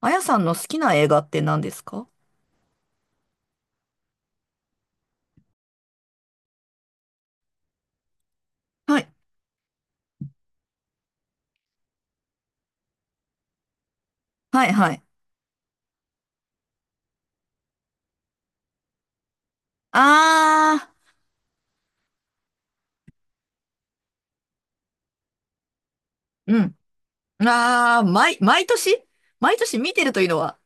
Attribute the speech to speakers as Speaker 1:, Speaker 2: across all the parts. Speaker 1: あやさんの好きな映画って何ですか？はい。はいはい。あー、うん。あー、毎年毎年見てるというのは。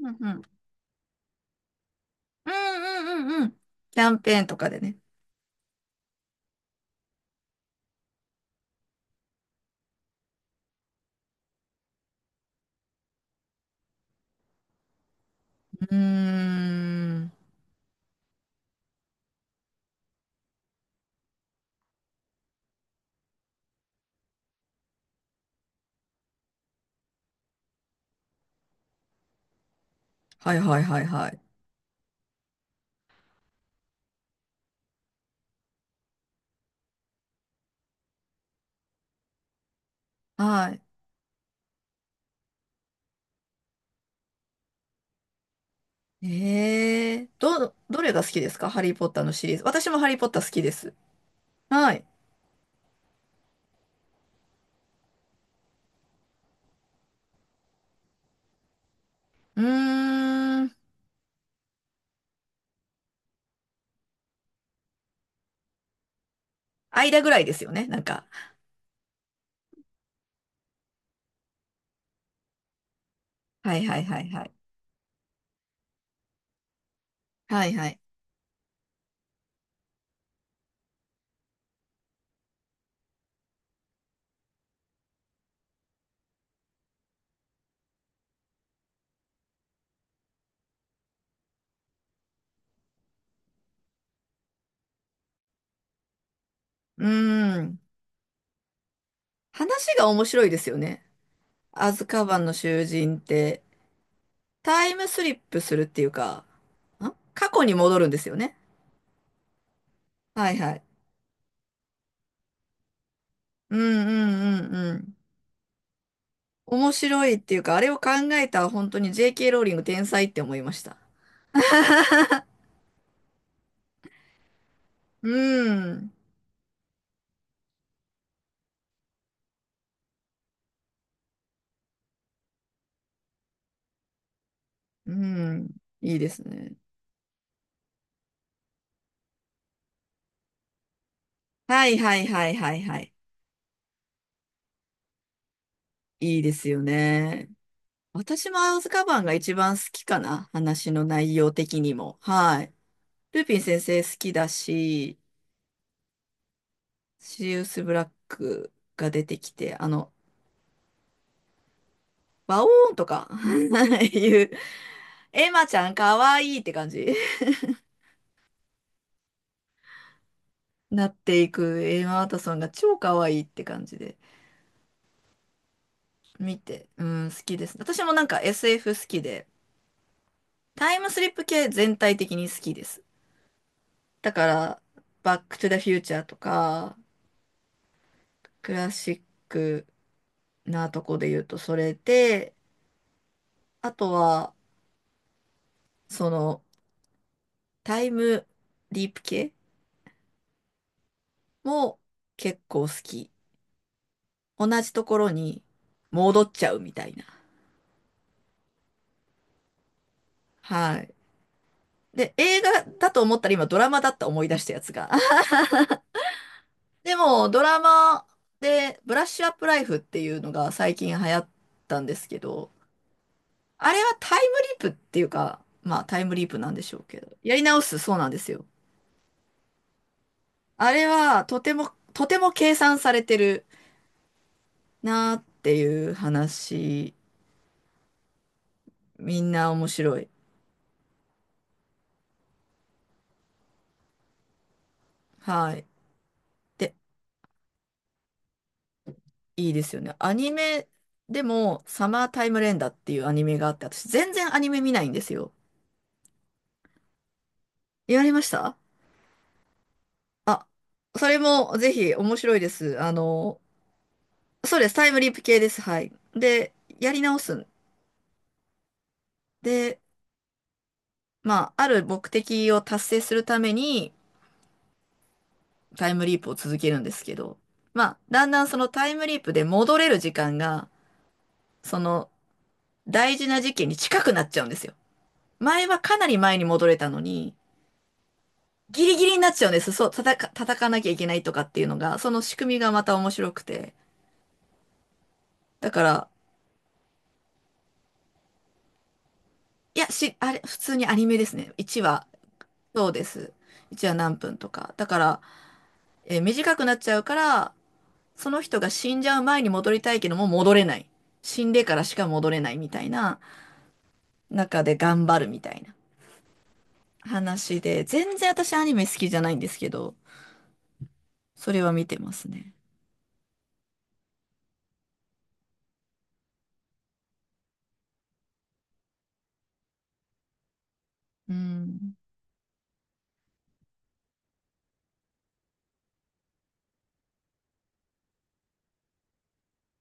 Speaker 1: うんうん。うんうんうんうん。キャンペーンとかでね。うーん。はいはいはいはい。はい。どれが好きですか？ハリー・ポッターのシリーズ。私もハリー・ポッター好きです。はい。うーん。間ぐらいですよね。なんか。はいはいはいはい。はいはい。うーん。話が面白いですよね。アズカバンの囚人って、タイムスリップするっていうか、過去に戻るんですよね。はいはい。うんうんうんうん。面白いっていうか、あれを考えた本当に JK ローリング天才って思いました。うん。うん。いいですね。はいはいはいはいはい。いいですよね。私もアズカバンが一番好きかな。話の内容的にも。はい。ルピン先生好きだし、シリウス・ブラックが出てきて、バオーンとか いう、エマちゃんかわいいって感じ なっていくエマ・ワトソンが超かわいいって感じで見て、うん、好きです。私もなんか SF 好きで、タイムスリップ系全体的に好きです。だから、バック・トゥ・ザ・フューチャーとか、クラシックなとこで言うとそれで、あとは、その、タイムリープ系も結構好き。同じところに戻っちゃうみたいな。はい。で、映画だと思ったら今ドラマだった思い出したやつが。でも、ドラマでブラッシュアップライフっていうのが最近流行ったんですけど、あれはタイムリープっていうか、まあタイムリープなんでしょうけど、やり直すそうなんですよ。あれはとても、とても計算されてるなーっていう話、みんな面白い。はい。でいいですよね。アニメでも、サマータイム連打っていうアニメがあって、私全然アニメ見ないんですよ。やりましたあ、それもぜひ面白いです。あの、そうです。タイムリープ系です。はい。で、やり直すんで、まあ、ある目的を達成するためにタイムリープを続けるんですけど、まあ、だんだんそのタイムリープで戻れる時間が、その大事な事件に近くなっちゃうんですよ。前はかなり前に戻れたのに、ギリギリになっちゃうんです。そう、叩かなきゃいけないとかっていうのが、その仕組みがまた面白くて。だから、いや、あれ、普通にアニメですね。1話、そうです。1話何分とか。だから、短くなっちゃうから、その人が死んじゃう前に戻りたいけども戻れない。死んでからしか戻れないみたいな中で頑張るみたいな話で、全然私アニメ好きじゃないんですけど、それは見てますね。うん。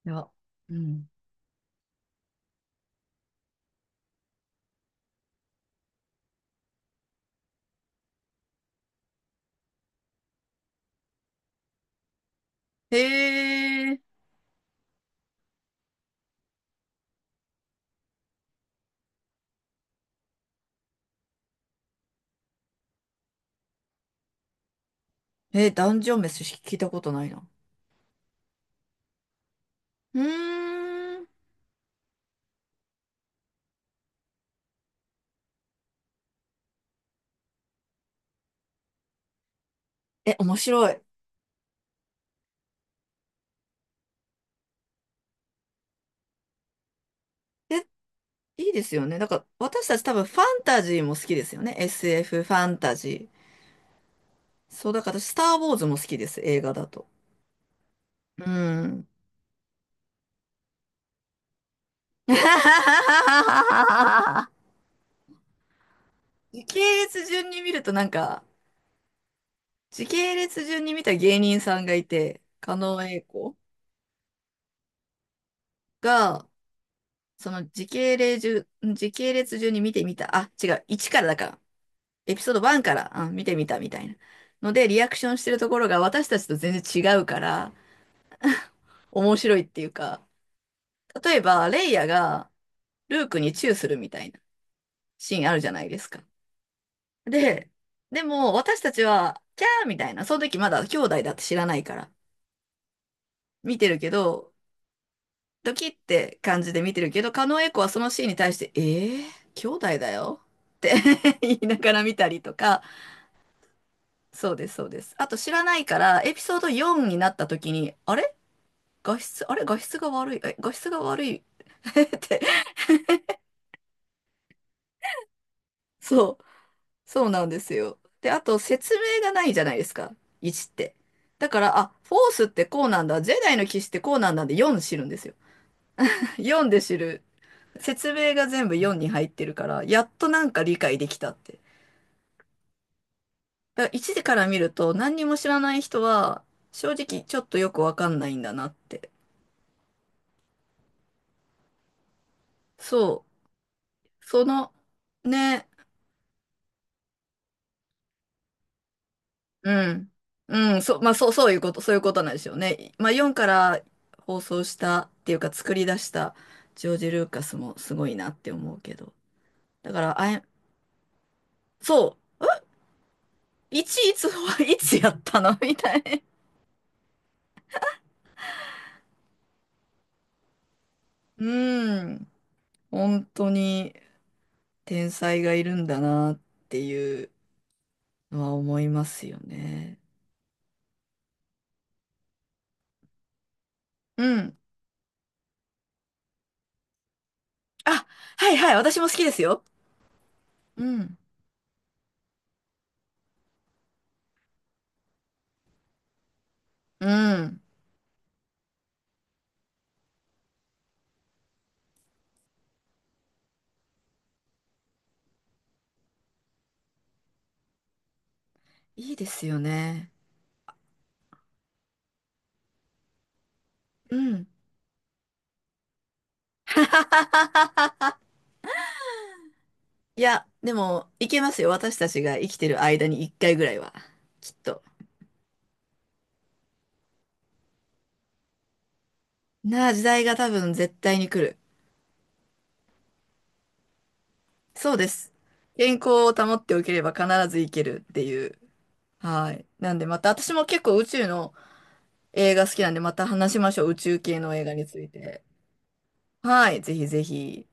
Speaker 1: いや、うん。へえ。え、ダンジョン飯聞いたことないな。うーん。え、面白い。え、いいですよね。だから、私たち多分ファンタジーも好きですよね。SF ファンタジー。そう、だから私、スター・ウォーズも好きです。映画だと。うん。時系列順に見るとなんか、時系列順に見た芸人さんがいて、狩野英孝が、その時系列時系列順に見てみた。あ、違う。1からだから。エピソード1から、うん、見てみたみたいな。ので、リアクションしてるところが私たちと全然違うから、面白いっていうか、例えば、レイヤがルークにチューするみたいなシーンあるじゃないですか。で、でも私たちは、キャーみたいな、その時まだ兄弟だって知らないから、見てるけど、ドキって感じで見てるけど、狩野英孝はそのシーンに対して、えー、兄弟だよって 言いながら見たりとか、そうです、そうです。あと知らないから、エピソード4になった時に、あれ画質が悪い、え、画質が悪い って、そう、そうなんですよ。で、あと説明がないじゃないですか、1って。だから、あ、フォースってこうなんだ、ジェダイの騎士ってこうなんだで4知るんですよ。4で知る。説明が全部4に入ってるから、やっとなんか理解できたって。だから1でから見ると何にも知らない人は、正直ちょっとよくわかんないんだなって。そう。その、ね、うん。うん、そう、まあ、そう、そういうこと、そういうことなんですよね。まあ、4から放送したっていうか、作り出したジョージ・ルーカスもすごいなって思うけど。だから、そう、いちいつはいつやったのみたいな。うん、本当に天才がいるんだなっていうのは思いますよね。うん。あ、はいはい、私も好きですよ。うん。うん。いいですよね。うん。いや、でも、いけますよ。私たちが生きてる間に一回ぐらいは。きっと。なあ、時代が多分絶対に来る。そうです。健康を保っておければ必ず行けるっていう。はい。なんでまた、私も結構宇宙の映画好きなんで、また話しましょう。宇宙系の映画について。はい。ぜひぜひ。